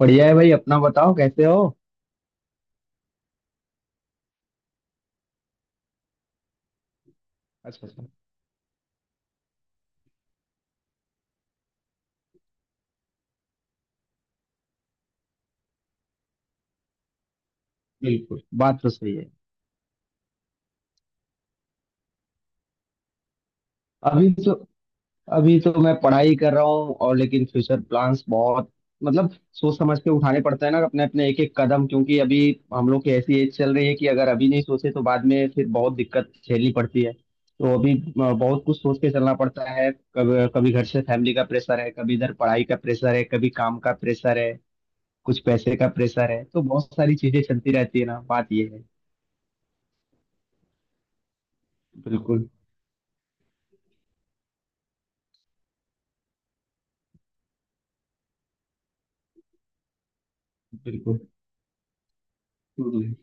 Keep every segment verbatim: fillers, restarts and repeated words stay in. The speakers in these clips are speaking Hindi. बढ़िया है भाई। अपना बताओ कैसे हो। अच्छा अच्छा। बिल्कुल बात तो सही है। अभी तो अभी तो मैं पढ़ाई कर रहा हूँ और लेकिन फ्यूचर प्लान्स बहुत मतलब सोच समझ के उठाने पड़ते हैं ना अपने अपने एक एक कदम, क्योंकि अभी हम लोग की ऐसी एज चल रही है कि अगर अभी नहीं सोचे तो बाद में फिर बहुत दिक्कत झेलनी पड़ती है। तो अभी अ, बहुत कुछ सोच के चलना पड़ता है। कभी कभी घर से फैमिली का प्रेशर है, कभी इधर पढ़ाई का प्रेशर है, कभी काम का प्रेशर है, कुछ पैसे का प्रेशर है, तो बहुत सारी चीजें चलती रहती है ना। बात ये है। बिल्कुल बिल्कुल। हम्म,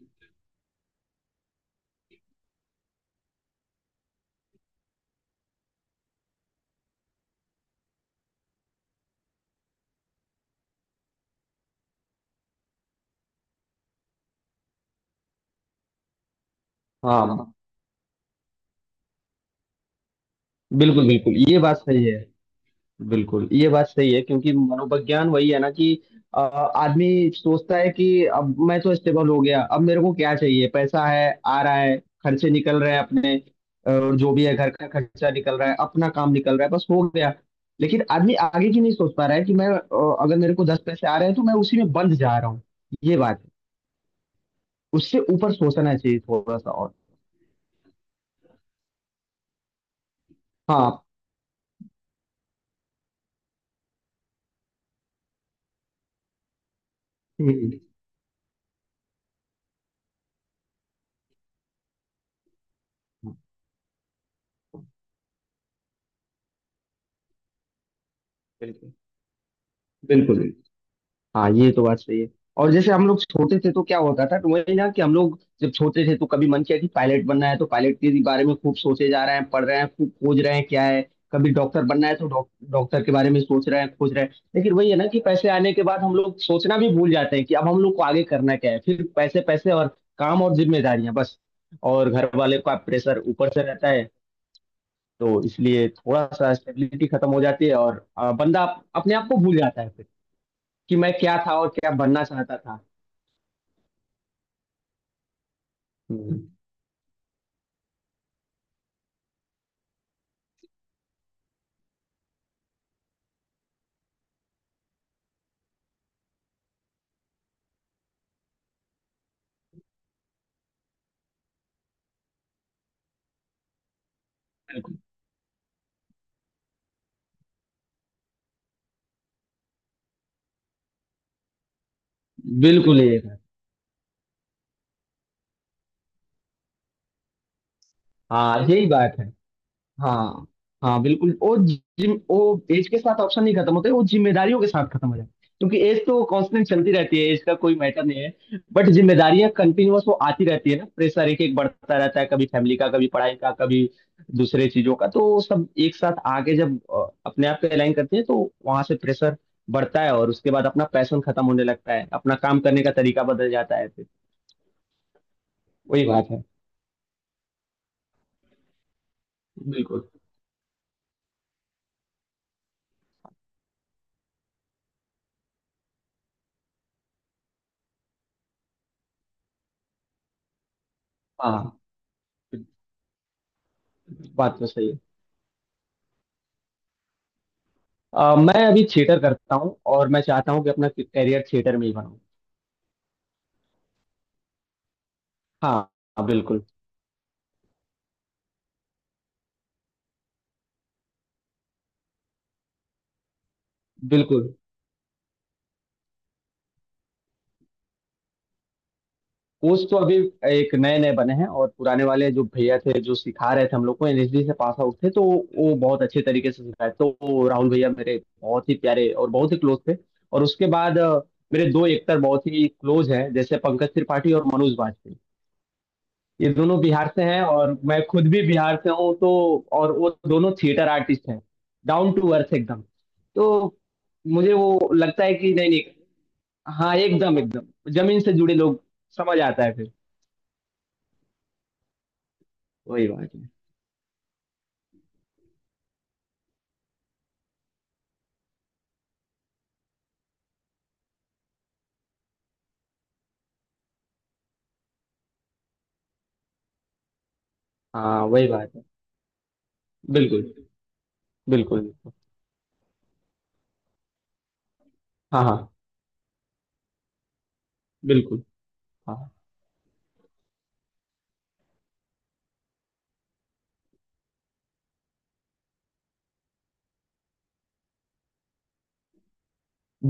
हाँ बिल्कुल बिल्कुल, ये बात सही है। बिल्कुल ये बात सही है, क्योंकि मनोविज्ञान वही है ना कि अ, आदमी सोचता है कि अब मैं तो स्टेबल हो गया, अब मेरे को क्या चाहिए, पैसा है आ रहा है, खर्चे निकल रहे हैं अपने और जो भी है, घर का खर्चा निकल रहा है, अपना काम निकल रहा है, बस हो गया। लेकिन आदमी आगे की नहीं सोच पा रहा है कि मैं अ, अगर मेरे को दस पैसे आ रहे हैं तो मैं उसी में बंद जा रहा हूँ। ये बात है। उससे ऊपर सोचना चाहिए थोड़ा सा और। हाँ। हम्म, बिल्कुल बिल्कुल। हाँ ये तो बात सही है। और जैसे हम लोग छोटे थे तो क्या होता था, तो वही ना कि हम लोग जब छोटे थे तो कभी मन किया कि पायलट बनना है, तो पायलट के बारे में खूब सोचे जा रहे हैं, पढ़ रहे हैं, खूब खोज रहे हैं क्या है। कभी डॉक्टर बनना है, तो डॉक, डॉक्टर के बारे में सोच रहे हैं, खोज रहे हैं, लेकिन वही है ना कि पैसे आने के बाद हम लोग सोचना भी भूल जाते हैं कि अब हम लोग को आगे करना क्या है। फिर पैसे पैसे और काम और जिम्मेदारियां बस। और घर वाले का प्रेशर ऊपर से रहता है। तो इसलिए थोड़ा सा स्टेबिलिटी खत्म हो जाती है और अ, बंदा अपने आप को भूल जाता है फिर, कि मैं क्या था और क्या बनना चाहता था। हम्म, बिल्कुल बिल्कुल ये है। हाँ यही बात है। हाँ। हाँ बिल्कुल। वो जिम वो एज के साथ ऑप्शन नहीं खत्म होते, वो जिम्मेदारियों के साथ खत्म हो जाते हैं। क्योंकि एज तो कांस्टेंट चलती रहती है, एज का कोई मैटर नहीं है, बट जिम्मेदारियां कंटिन्यूअस वो आती रहती है ना। प्रेशर एक एक बढ़ता रहता है, कभी फैमिली का, कभी पढ़ाई का, कभी दूसरे चीजों का, तो वो सब एक साथ आगे जब अ, अपने आप को अलाइन करते हैं तो वहां से प्रेशर बढ़ता है और उसके बाद अपना पैशन खत्म होने लगता है, अपना काम करने का तरीका बदल जाता है। वही बात है। बिल्कुल। हाँ बात तो सही है। अ, मैं अभी थिएटर करता हूँ और मैं चाहता हूँ कि अपना करियर थिएटर में ही बनाऊँ। हाँ। हाँ बिल्कुल बिल्कुल। कोच तो अभी एक नए नए बने हैं और पुराने वाले जो भैया थे, जो सिखा रहे थे हम लोग को, एनएसडी से पास आउट थे, तो वो बहुत अच्छे तरीके से सिखाए। तो वो राहुल भैया मेरे बहुत ही प्यारे और बहुत ही क्लोज थे। और उसके बाद अ, मेरे दो एक्टर बहुत ही क्लोज हैं, जैसे पंकज त्रिपाठी और मनोज वाजपेयी। ये दोनों बिहार से हैं और मैं खुद भी बिहार से हूँ, तो। और वो दोनों थिएटर आर्टिस्ट हैं, डाउन टू अर्थ एकदम। तो मुझे वो लगता है कि नहीं नहीं। हाँ एकदम एकदम, जमीन से जुड़े लोग। समझ आता है फिर। वही बात है। हाँ वही बात है। बिल्कुल बिल्कुल बिल्कुल। हाँ हाँ बिल्कुल। हाँ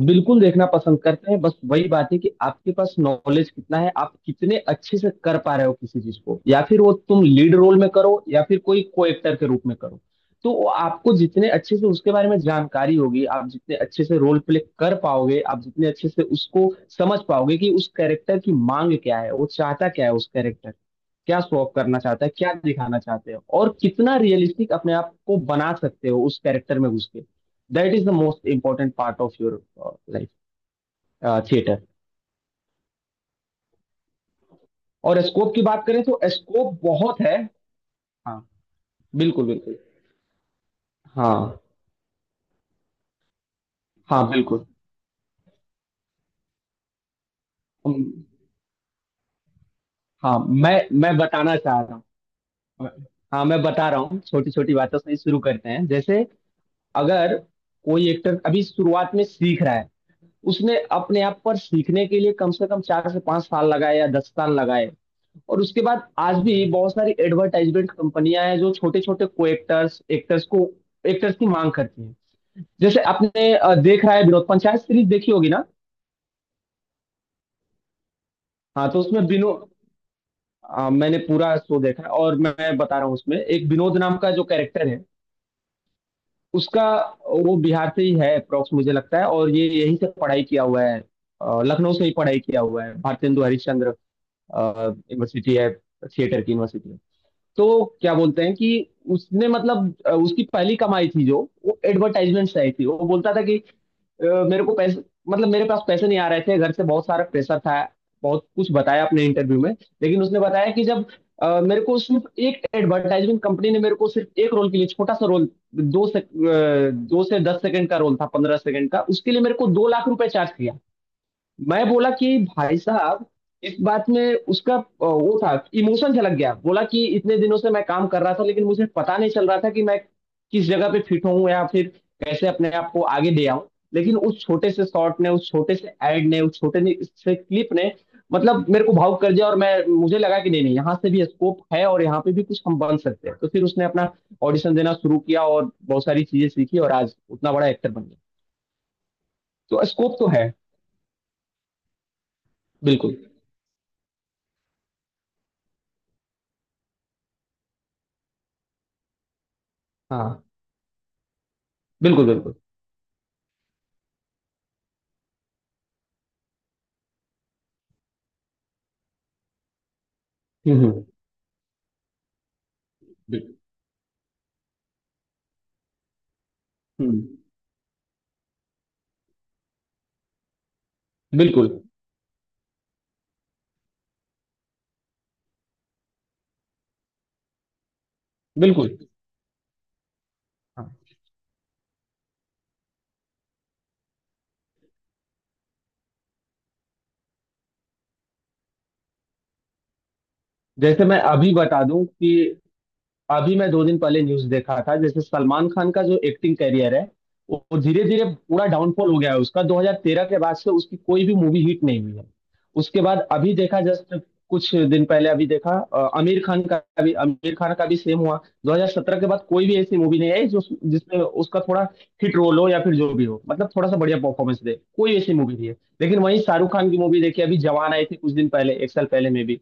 बिल्कुल देखना पसंद करते हैं। बस वही बात है कि आपके पास नॉलेज कितना है, आप कितने अच्छे से कर पा रहे हो किसी चीज को, या फिर वो तुम लीड रोल में करो या फिर कोई को एक्टर के रूप में करो, तो वो आपको जितने अच्छे से उसके बारे में जानकारी होगी, आप जितने अच्छे से रोल प्ले कर पाओगे, आप जितने अच्छे से उसको समझ पाओगे कि उस कैरेक्टर की मांग क्या है, वो चाहता क्या है उस कैरेक्टर, क्या शो ऑफ करना चाहते हो, क्या दिखाना चाहते हो, और कितना रियलिस्टिक अपने आप को बना सकते हो उस कैरेक्टर में घुस के। That is the most important part of your life, theatre. और स्कोप की बात करें तो स्कोप बहुत है। हाँ बिल्कुल बिल्कुल। हाँ हाँ बिल्कुल। हम्म, हाँ मैं मैं बताना चाह रहा हूँ। हाँ मैं बता रहा हूँ, छोटी छोटी बातों से ही शुरू करते हैं। जैसे अगर कोई एक्टर अभी शुरुआत में सीख रहा है, उसने अपने आप पर सीखने के लिए कम से कम चार से पांच साल लगाए या दस साल लगाए, और उसके बाद आज भी बहुत सारी एडवर्टाइजमेंट कंपनियां हैं जो छोटे छोटे को एक्टर्स एक्टर्स को एक्टर्स की मांग करती हैं। जैसे आपने अ, देख रहा है, विनोद, पंचायत सीरीज देखी होगी ना। हाँ तो उसमें विनोद, अ, मैंने पूरा शो देखा है और मैं बता रहा हूँ उसमें एक विनोद नाम का जो कैरेक्टर है उसका, वो बिहार से ही है अप्रोक्स मुझे लगता है, और ये यहीं से पढ़ाई किया हुआ है, अ, लखनऊ से ही पढ़ाई किया हुआ है। भारतेंदु हरिश्चंद्र यूनिवर्सिटी है, थिएटर की यूनिवर्सिटी है। तो क्या बोलते हैं कि उसने मतलब अ, उसकी पहली कमाई थी जो वो एडवर्टाइजमेंट से आई थी। वो बोलता था कि अ, मेरे को पैसे मतलब मेरे पास पैसे नहीं आ रहे थे, घर से बहुत सारा प्रेशर था, बहुत कुछ बताया अपने इंटरव्यू में। लेकिन उसने बताया कि जब अ, मेरे को सिर्फ एक एडवर्टाइजमेंट कंपनी ने मेरे को सिर्फ एक रोल के लिए छोटा सा रोल, दो से अ, दो से दस सेकंड का रोल था, पंद्रह सेकंड का, उसके लिए मेरे को दो लाख रुपए चार्ज किया। मैं बोला कि भाई साहब, इस बात में उसका अ, वो था, इमोशन झलक गया, बोला कि इतने दिनों से मैं काम कर रहा था लेकिन मुझे पता नहीं चल रहा था कि मैं किस जगह पे फिट हूँ या फिर कैसे अपने आप को आगे ले आऊं। लेकिन उस छोटे से शॉट ने, उस छोटे से एड ने, उस छोटे ने- से क्लिप ने मतलब मेरे को भावुक कर दिया, और मैं मुझे लगा कि नहीं नहीं, यहाँ से भी स्कोप है और यहाँ पे भी कुछ हम बन सकते हैं। तो फिर उसने अपना ऑडिशन देना शुरू किया और बहुत सारी चीजें सीखी और आज उतना बड़ा एक्टर बन गया। तो स्कोप तो है। बिल्कुल। हाँ बिल्कुल बिल्कुल। हम्म हम्म, बिल- हम्म, बिल्कुल बिल्कुल। हाँ, जैसे मैं अभी बता दूं कि अभी मैं दो दिन पहले न्यूज देखा था, जैसे सलमान खान का जो एक्टिंग कैरियर है वो धीरे धीरे पूरा डाउनफॉल हो गया है उसका। दो हज़ार तेरह के बाद से उसकी कोई भी मूवी हिट नहीं हुई है। उसके बाद अभी देखा, जस्ट कुछ दिन पहले अभी देखा, अ, आमिर खान का भी आमिर खान का भी सेम हुआ। दो हज़ार सत्रह के बाद कोई भी ऐसी मूवी नहीं आई जो, जिसमें उसका थोड़ा हिट रोल हो या फिर जो भी हो, मतलब थोड़ा सा बढ़िया परफॉर्मेंस दे, कोई ऐसी मूवी नहीं है। लेकिन वहीं शाहरुख खान की मूवी देखी, अभी जवान आई थी कुछ दिन पहले, एक साल पहले में भी,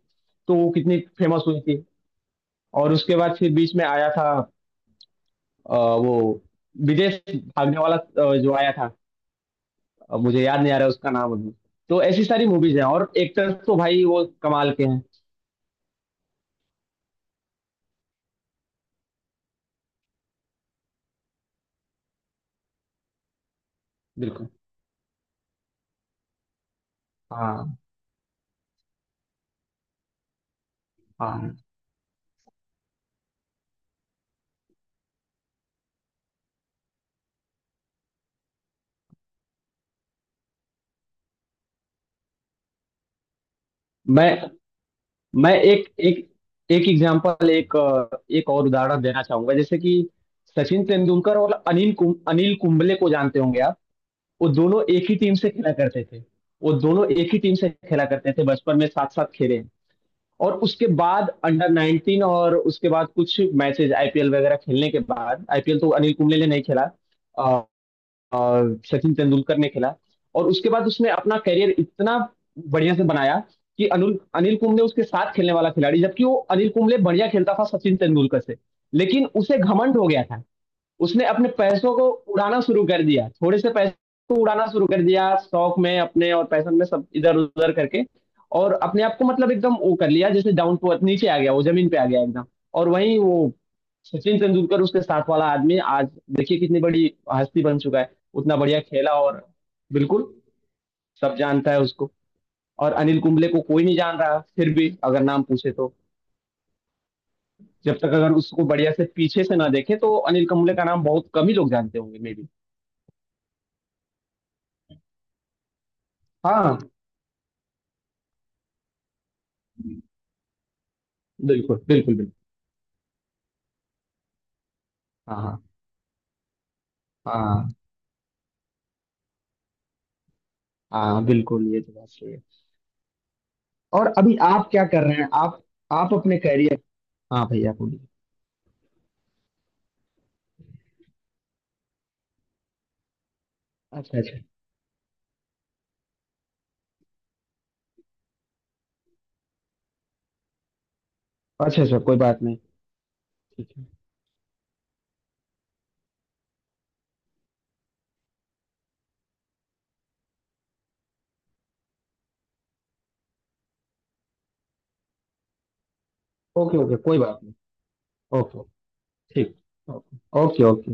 तो वो कितनी फेमस हुई थी। और उसके बाद फिर बीच में आया था अ, वो विदेश भागने वाला अ, जो आया था, अ, मुझे याद नहीं आ रहा है उसका नाम अभी। तो ऐसी सारी मूवीज हैं और एक्टर्स तो भाई वो कमाल के हैं। बिल्कुल। हाँ हाँ। मैं मैं एक एक एक एग्जांपल, एक अ, एक और उदाहरण देना चाहूंगा, जैसे कि सचिन तेंदुलकर और अनिल कुम, अनिल कुंबले को जानते होंगे आप। वो दोनों एक ही टीम से खेला करते थे। वो दोनों एक ही टीम से खेला करते थे बचपन में, साथ साथ खेले। और उसके बाद अंडर नाइनटीन, और उसके बाद कुछ मैचेस आईपीएल वगैरह खेलने के बाद, आईपीएल तो अनिल कुंबले ने नहीं खेला, अ, अ, सचिन तेंदुलकर ने खेला। और उसके बाद उसने अपना करियर इतना बढ़िया से बनाया कि अनिल अनिल कुंबले उसके साथ खेलने वाला खिलाड़ी, जबकि वो अनिल कुंबले बढ़िया खेलता था सचिन तेंदुलकर से, लेकिन उसे घमंड हो गया था। उसने अपने पैसों को उड़ाना शुरू कर दिया, थोड़े से पैसों को उड़ाना शुरू कर दिया शौक में अपने और पैशन में सब इधर उधर करके। और अपने आप को मतलब एकदम वो कर लिया, जैसे डाउन टू अर्थ नीचे आ गया, वो जमीन पे आ गया एकदम। और वहीं वो सचिन तेंदुलकर उसके साथ वाला आदमी आज, देखिए कितनी बड़ी हस्ती बन चुका है, उतना बढ़िया खेला। और बिल्कुल, सब जानता है उसको। और अनिल कुंबले को कोई नहीं जान रहा, फिर भी अगर नाम पूछे तो, जब तक अगर उसको बढ़िया से पीछे से ना देखे तो अनिल कुंबले का नाम बहुत कम ही लोग जानते होंगे, मे बी। हाँ बिल्कुल बिल्कुल बिल्कुल। हाँ हाँ। हाँ बिल्कुल, ये तो बात सही है। और अभी आप क्या कर रहे हैं आप आप अपने करियर। हाँ भैया बोलिए। अच्छा अच्छा। अच्छा अच्छा कोई बात नहीं। ठीक है। ओके ओके कोई बात नहीं। Okay okay. ठीक। Okay okay. ओके